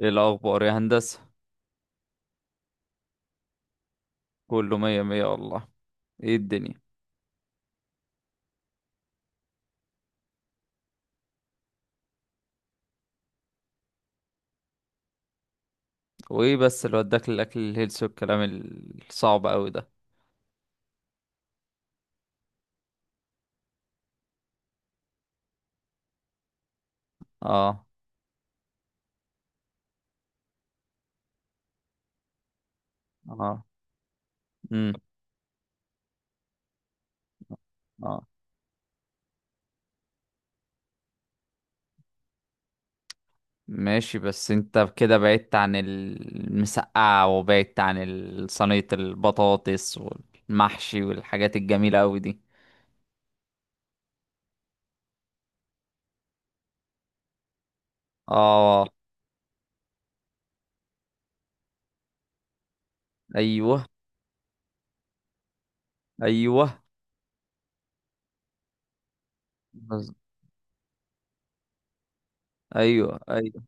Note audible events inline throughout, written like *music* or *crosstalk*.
ايه الاخبار يا هندسه؟ كله مية مية والله. ايه الدنيا؟ وايه بس اللي وداك للاكل الهيلثي والكلام الصعب قوي ده؟ اه. اه. امم. اه. ماشي، بس انت كده بعدت عن المسقعه وبعدت عن صينيه البطاطس والمحشي والحاجات الجميله قوي دي. اه. ايوه، ايوه. بز- ايوه، ايوه،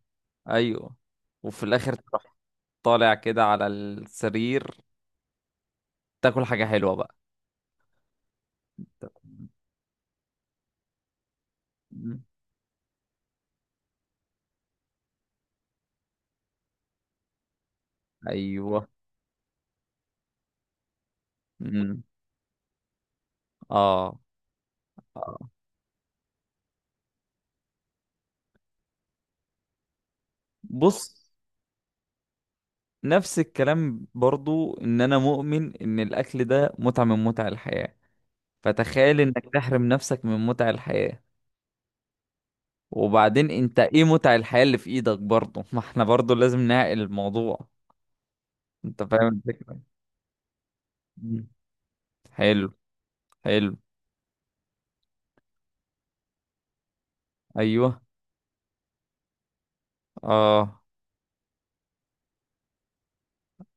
ايوه. وفي الاخر تروح طالع كده على السرير، تاكل حاجه حلوه بقى. ايوه. امم. اه. آه. بص. نفس الكلام برضو ان انا مؤمن ان الاكل ده متعة من متع الحياة، فتخيل انك تحرم نفسك من متع الحياة. وبعدين انت ايه متع الحياة اللي في ايدك برضو؟ *laughs* ما احنا برضو لازم نعقل الموضوع. انت فاهم الفكرة؟ مم. حلو. حلو. ايوه. اه،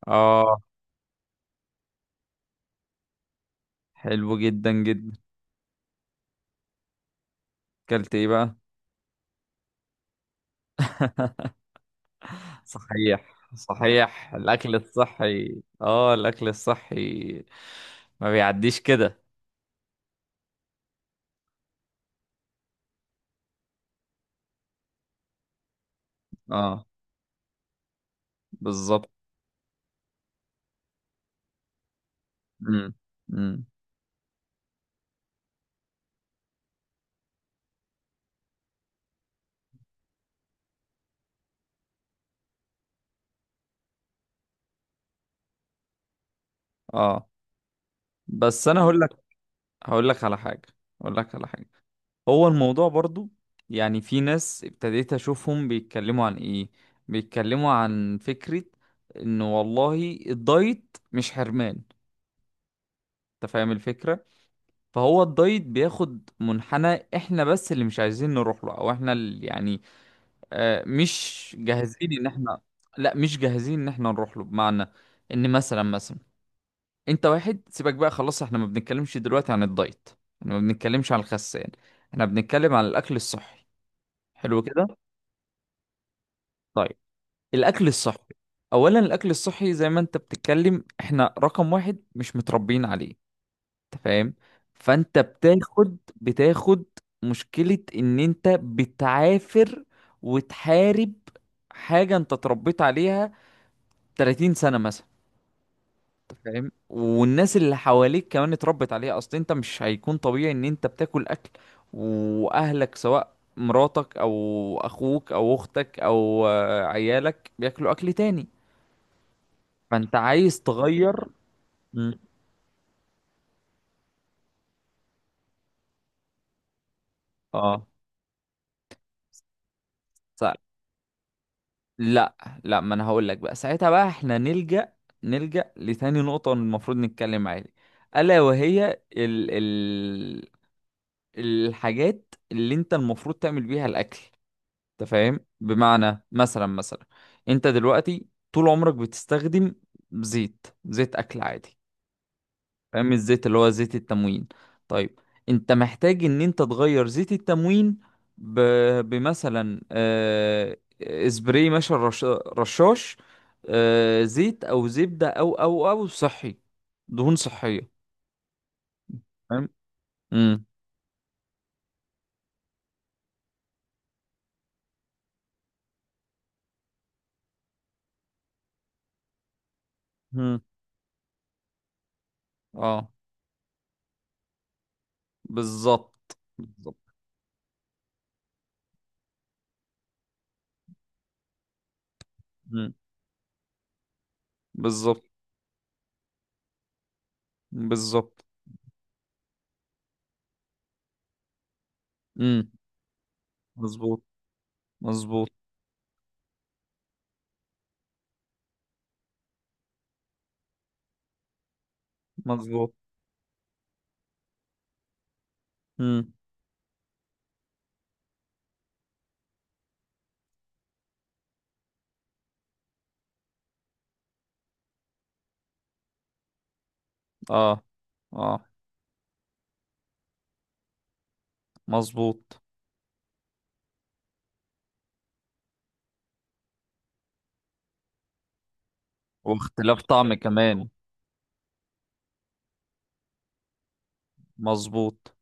اه. حلو جدا جدا. اكلت ايه بقى؟ صحيح، صحيح. الأكل الصحي، الأكل الصحي. ما بيعديش كده. اه، بالظبط. امم. امم. اه. بس أنا هقول لك، هقول لك على حاجة هقول لك على حاجة. هو الموضوع برضو، يعني، في ناس ابتديت أشوفهم بيتكلموا عن إيه؟ بيتكلموا عن فكرة إنه والله الدايت مش حرمان. أنت فاهم الفكرة؟ فهو الدايت بياخد منحنى، احنا بس اللي مش عايزين نروح له، او احنا اللي، يعني، مش جاهزين ان احنا. لا، مش جاهزين ان احنا نروح له، بمعنى ان، مثلا انت واحد سيبك بقى خلاص. احنا ما بنتكلمش دلوقتي عن الدايت، احنا ما بنتكلمش عن الخسان، احنا بنتكلم عن الاكل الصحي. حلو كده؟ طيب، الاكل الصحي. اولا الاكل الصحي زي ما انت بتتكلم، احنا رقم واحد مش متربيين عليه. انت فاهم؟ فانت بتاخد مشكلة ان انت بتعافر وتحارب حاجة انت اتربيت عليها 30 سنة مثلا. انت فاهم؟ والناس اللي حواليك كمان اتربت عليها، اصل انت مش هيكون طبيعي ان انت بتاكل اكل واهلك، سواء مراتك او اخوك او اختك او عيالك، بياكلوا اكل تاني. فانت عايز تغير. مم. اه. س- لا، لا، ما انا هقول لك بقى. ساعتها بقى احنا نلجأ، نلجأ لتاني نقطة المفروض نتكلم عليها، الا وهي ال ال الحاجات اللي انت المفروض تعمل بيها الاكل. انت فاهم؟ بمعنى، مثلا، انت دلوقتي طول عمرك بتستخدم زيت اكل عادي. فاهم؟ الزيت اللي هو زيت التموين. طيب، انت محتاج ان انت تغير زيت التموين ب... بمثلا، اسبراي ماشي، رشاش، زيت او زبدة او صحي، دهون صحية. فاهم؟ امم. امم. اه، بالظبط، بالظبط. مم. بالظبط، بالظبط. امم. مظبوط، مظبوط، مظبوط. امم. اه، اه، مظبوط. واختلاف طعم كمان. مظبوط.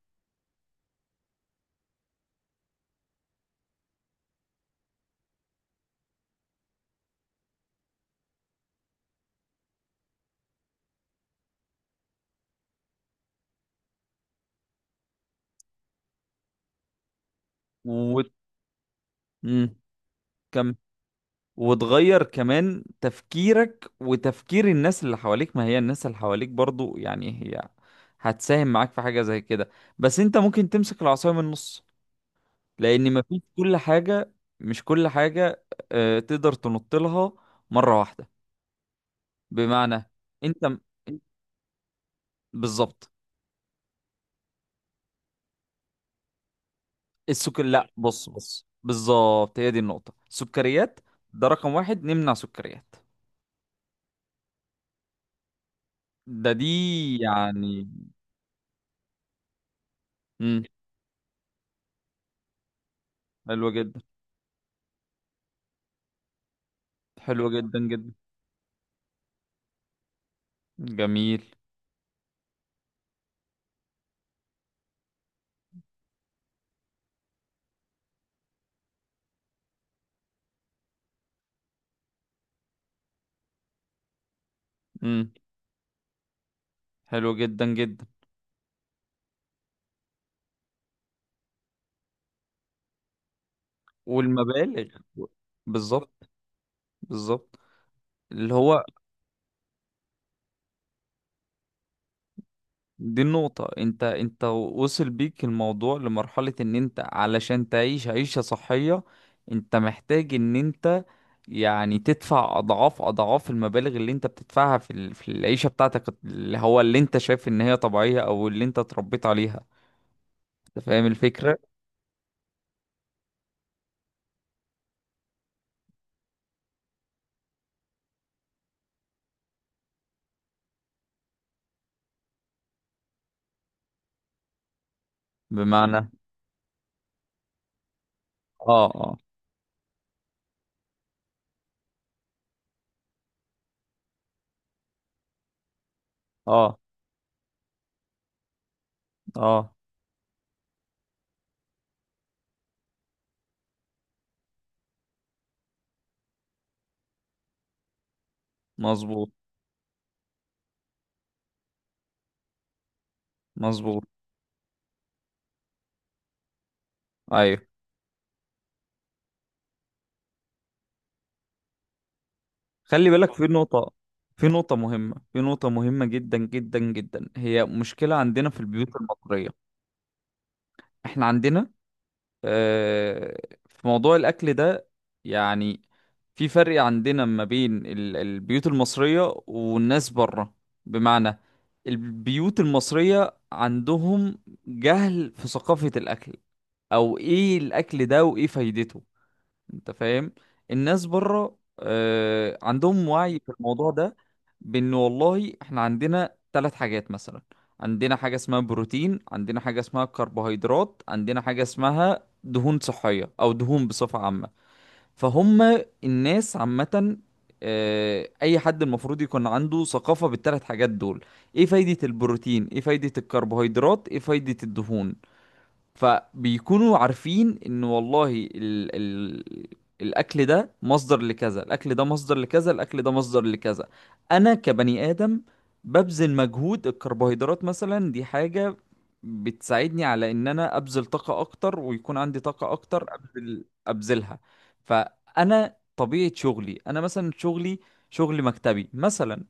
و امم كم وتغير كمان تفكيرك وتفكير الناس اللي حواليك، ما هي الناس اللي حواليك برضو، يعني، هي هتساهم معاك في حاجة زي كده. بس انت ممكن تمسك العصاية من النص، لان مفيش كل حاجة، مش كل حاجة تقدر تنط لها مرة واحدة. بمعنى، انت بالظبط. السكر، لا، بص، بص، بالظبط، هي دي النقطة، السكريات. ده رقم واحد، نمنع سكريات. ده دي يعني امم حلوة جدا. حلوة جدا جدا. جميل. امم. حلوة جدا جدا. والمبالغ. بالظبط، بالظبط. اللي هو دي النقطة، انت وصل بيك الموضوع لمرحلة ان انت علشان تعيش عيشة صحية، انت محتاج ان انت، يعني، تدفع اضعاف اضعاف المبالغ اللي انت بتدفعها في في العيشة بتاعتك، اللي هو اللي انت شايف ان هي طبيعية او اللي انت اتربيت عليها. انت فاهم الفكرة؟ بمعنى، اه، اه، اه، اه. مظبوط، مظبوط. ايوه، خلي بالك في نقطة، في نقطة مهمة، في نقطة مهمة جدا جدا جدا، هي مشكلة عندنا في البيوت المصرية. احنا عندنا، آه، في موضوع الاكل ده، يعني، في فرق عندنا ما بين البيوت المصرية والناس بره. بمعنى، البيوت المصرية عندهم جهل في ثقافة الاكل، او ايه الاكل ده وايه فايدته. انت فاهم؟ الناس بره عندهم وعي في الموضوع ده، بان والله احنا عندنا ثلاث حاجات مثلا. عندنا حاجة اسمها بروتين، عندنا حاجة اسمها كربوهيدرات، عندنا حاجة اسمها دهون صحية او دهون بصفة عامة. فهم الناس عامة، اي حد المفروض يكون عنده ثقافة بالثلاث حاجات دول. ايه فايدة البروتين، ايه فايدة الكربوهيدرات، ايه فايدة الدهون. فبيكونوا عارفين ان والله ال ال الاكل ده مصدر لكذا، الاكل ده مصدر لكذا، الاكل ده مصدر لكذا. انا كبني ادم ببذل مجهود، الكربوهيدرات مثلا دي حاجة بتساعدني على ان انا ابذل طاقة اكتر، ويكون عندي طاقة اكتر ابذل ابذلها. فانا طبيعة شغلي، انا مثلا شغلي شغل مكتبي مثلا،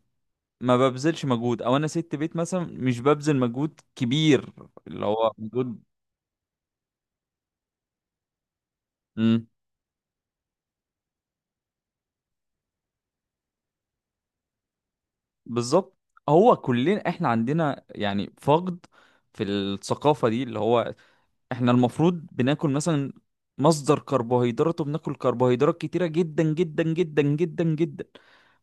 ما ببذلش مجهود، او انا ست بيت مثلا، مش ببذل مجهود كبير، اللي هو مجهود. بالظبط. هو كلنا احنا عندنا، يعني، فقد في الثقافة دي، اللي هو احنا المفروض بناكل مثلا مصدر كربوهيدرات، وبناكل كربوهيدرات كتيرة جدا جدا جدا جدا جدا،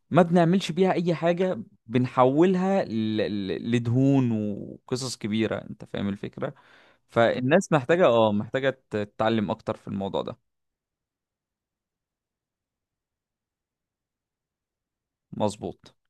ما بنعملش بيها اي حاجة، بنحولها لدهون وقصص كبيرة. انت فاهم الفكرة؟ فالناس محتاجة، محتاجة تتعلم اكتر في الموضوع ده. مظبوط.